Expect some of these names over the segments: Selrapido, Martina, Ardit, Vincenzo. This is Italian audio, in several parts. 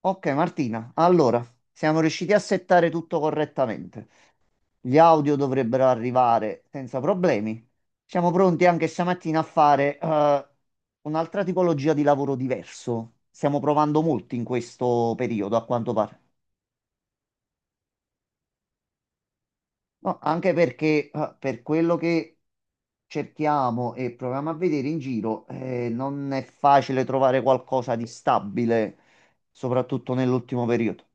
Ok Martina, allora siamo riusciti a settare tutto correttamente. Gli audio dovrebbero arrivare senza problemi. Siamo pronti anche stamattina a fare un'altra tipologia di lavoro diverso. Stiamo provando molti in questo periodo, a quanto pare. No, anche perché per quello che cerchiamo e proviamo a vedere in giro, non è facile trovare qualcosa di stabile, soprattutto nell'ultimo periodo.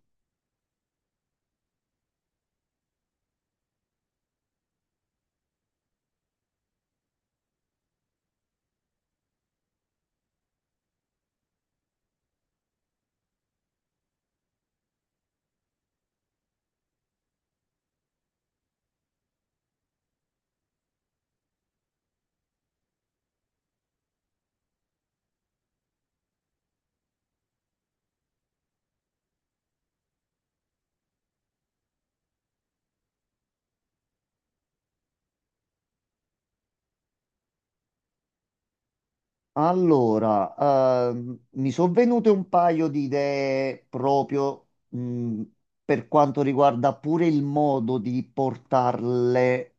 Allora, mi sono venute un paio di idee proprio per quanto riguarda pure il modo di portarle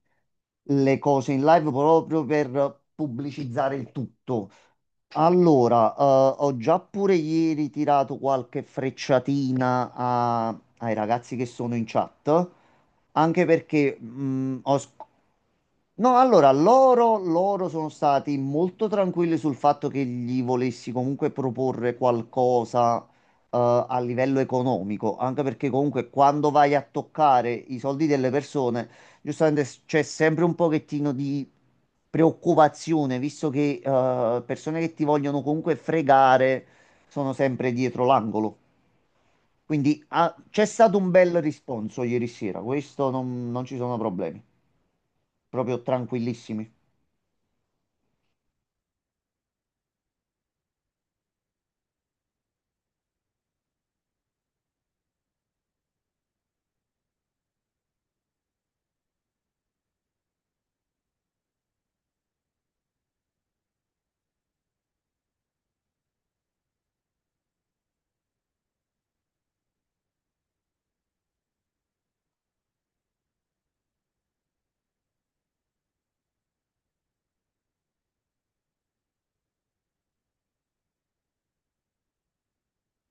le cose in live proprio per pubblicizzare il tutto. Allora, ho già pure ieri tirato qualche frecciatina ai ragazzi che sono in chat, anche perché no, allora, loro sono stati molto tranquilli sul fatto che gli volessi comunque proporre qualcosa, a livello economico, anche perché comunque quando vai a toccare i soldi delle persone giustamente c'è sempre un pochettino di preoccupazione, visto che persone che ti vogliono comunque fregare sono sempre dietro l'angolo. Quindi c'è stato un bel risponso ieri sera, questo non ci sono problemi, proprio tranquillissimi.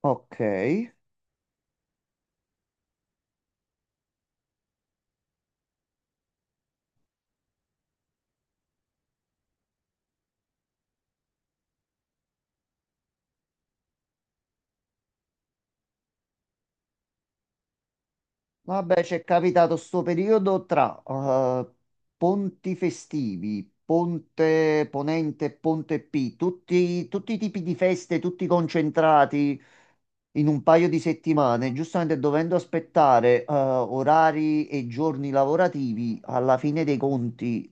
Ok, vabbè, c'è capitato sto periodo tra ponti festivi, Ponte Ponente, Ponte P, tutti i tipi di feste, tutti concentrati in un paio di settimane, giustamente dovendo aspettare orari e giorni lavorativi, alla fine dei conti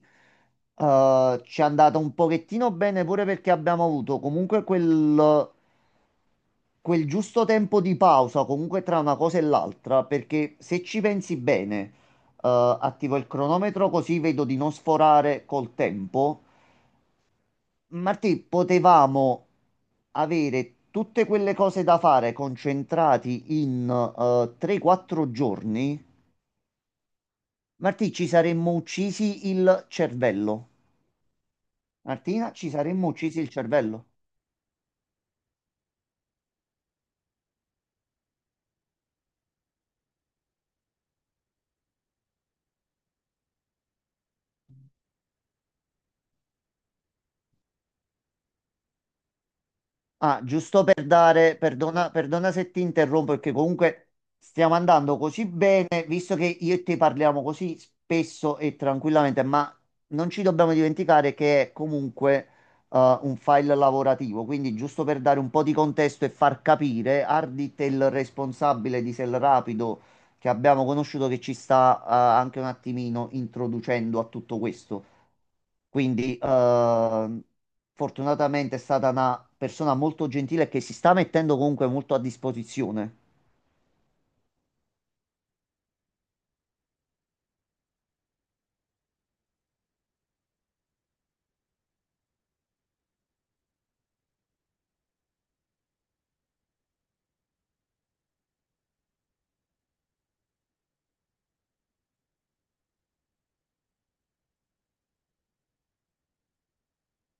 ci è andata un pochettino bene pure perché abbiamo avuto comunque quel giusto tempo di pausa, comunque tra una cosa e l'altra, perché se ci pensi bene, attivo il cronometro così vedo di non sforare col tempo. Martì, potevamo avere tutte quelle cose da fare concentrati in 3-4 giorni. Martì, ci saremmo uccisi il cervello. Martina, ci saremmo uccisi il cervello. Ah, giusto per dare, perdona, perdona se ti interrompo, perché comunque stiamo andando così bene, visto che io e te parliamo così spesso e tranquillamente, ma non ci dobbiamo dimenticare che è comunque un file lavorativo, quindi giusto per dare un po' di contesto e far capire, Ardit è il responsabile di Selrapido che abbiamo conosciuto, che ci sta anche un attimino introducendo a tutto questo. Quindi, fortunatamente è stata una persona molto gentile che si sta mettendo comunque molto a disposizione.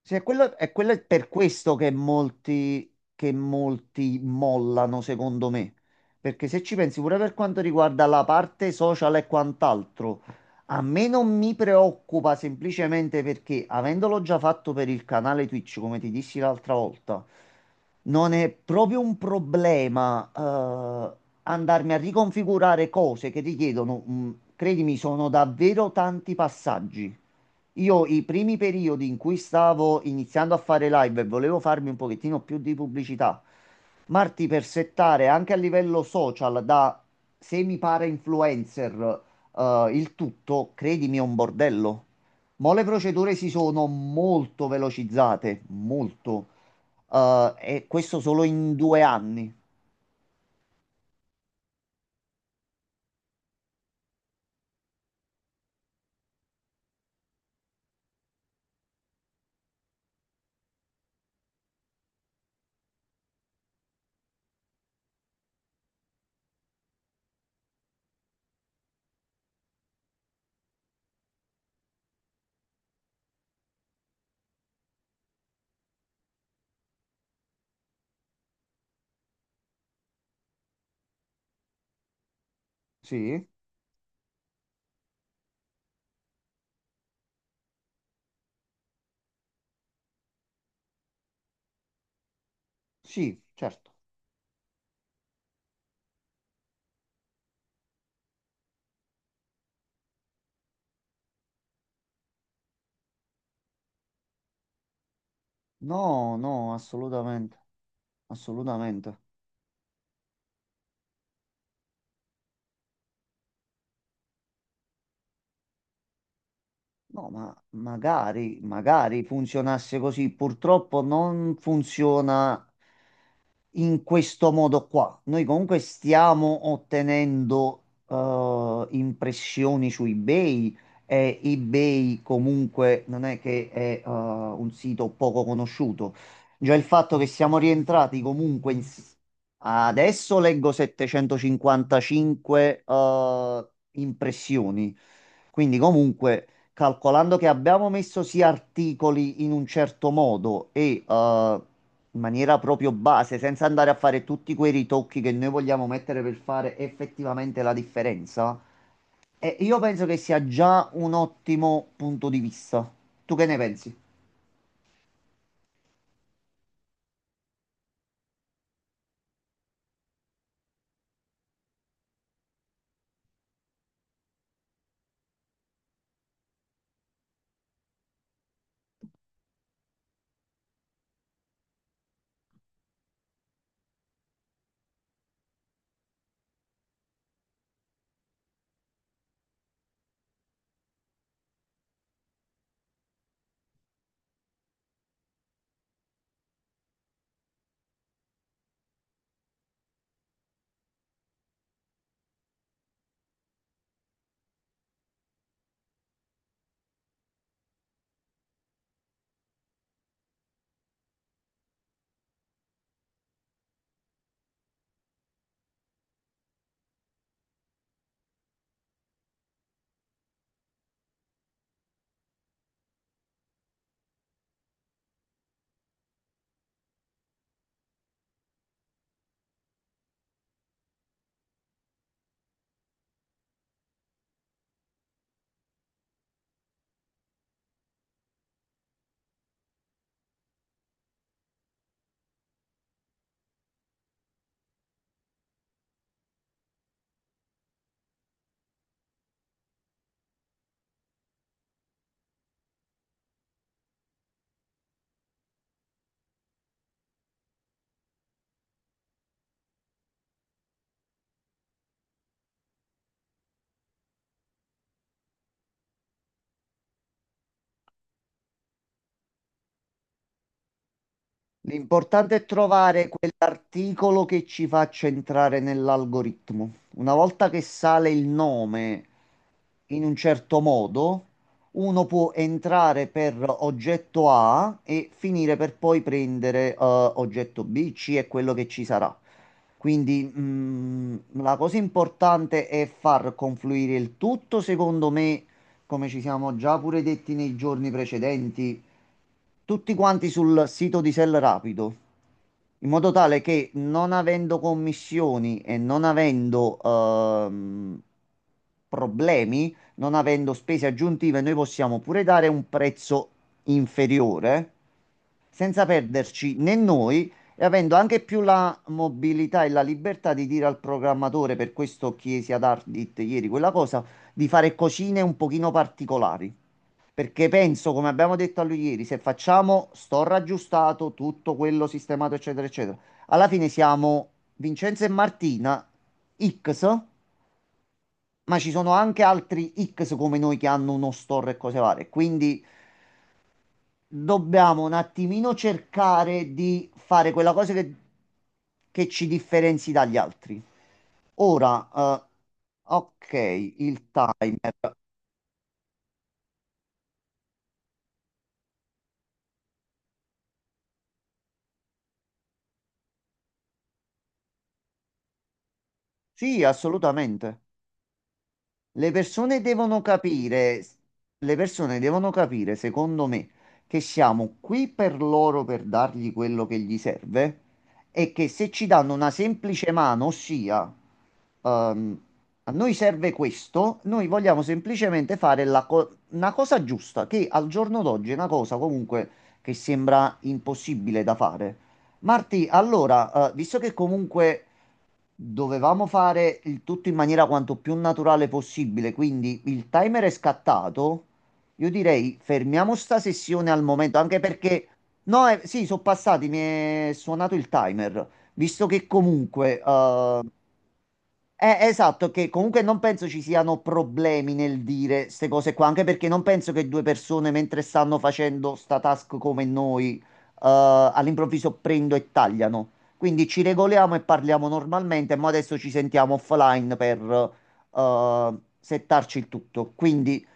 Sì, è quello, è quello, è per questo che molti mollano, secondo me. Perché se ci pensi, pure per quanto riguarda la parte social e quant'altro, a me non mi preoccupa semplicemente perché, avendolo già fatto per il canale Twitch, come ti dissi l'altra volta, non è proprio un problema, andarmi a riconfigurare cose che richiedono, credimi, sono davvero tanti passaggi. Io i primi periodi in cui stavo iniziando a fare live e volevo farmi un pochettino più di pubblicità, Marti, per settare anche a livello social da semi para influencer il tutto, credimi, è un bordello. Mo' le procedure si sono molto velocizzate, molto. E questo solo in due anni. Sì, sì, certo. No, no, assolutamente, assolutamente. No, ma magari, magari funzionasse così. Purtroppo non funziona in questo modo qua. Noi comunque stiamo ottenendo impressioni su eBay e eBay comunque non è che è un sito poco conosciuto. Già il fatto che siamo rientrati comunque in... Adesso leggo 755 impressioni. Quindi comunque, calcolando che abbiamo messo sì articoli in un certo modo e in maniera proprio base, senza andare a fare tutti quei ritocchi che noi vogliamo mettere per fare effettivamente la differenza, io penso che sia già un ottimo punto di vista. Tu che ne pensi? L'importante è trovare quell'articolo che ci faccia entrare nell'algoritmo. Una volta che sale il nome in un certo modo, uno può entrare per oggetto A e finire per poi prendere oggetto B, C, è quello che ci sarà. Quindi la cosa importante è far confluire il tutto, secondo me, come ci siamo già pure detti nei giorni precedenti, tutti quanti sul sito di Sell Rapido, in modo tale che, non avendo commissioni e non avendo problemi, non avendo spese aggiuntive, noi possiamo pure dare un prezzo inferiore senza perderci né noi, e avendo anche più la mobilità e la libertà di dire al programmatore, per questo chiesi ad Ardit ieri quella cosa, di fare cosine un pochino particolari. Perché penso, come abbiamo detto a lui ieri, se facciamo sto raggiustato, tutto quello sistemato, eccetera, eccetera, alla fine siamo Vincenzo e Martina X, ma ci sono anche altri X come noi che hanno uno store e cose varie. Quindi dobbiamo un attimino cercare di fare quella cosa che ci differenzi dagli altri. Ora, ok, il timer. Sì, assolutamente. Le persone devono capire, le persone devono capire, secondo me, che siamo qui per loro per dargli quello che gli serve e che se ci danno una semplice mano, ossia, ehm, a noi serve questo, noi vogliamo semplicemente fare una cosa giusta, che al giorno d'oggi è una cosa comunque che sembra impossibile da fare. Marti, allora, visto che comunque dovevamo fare il tutto in maniera quanto più naturale possibile, quindi il timer è scattato. Io direi fermiamo sta sessione al momento, anche perché no, sì, sono passati, mi è suonato il timer, visto che comunque esatto, che comunque non penso ci siano problemi nel dire queste cose qua, anche perché non penso che due persone mentre stanno facendo sta task come noi, all'improvviso prendo e tagliano. Quindi ci regoliamo e parliamo normalmente, ma adesso ci sentiamo offline per, eh, settarci il tutto. Quindi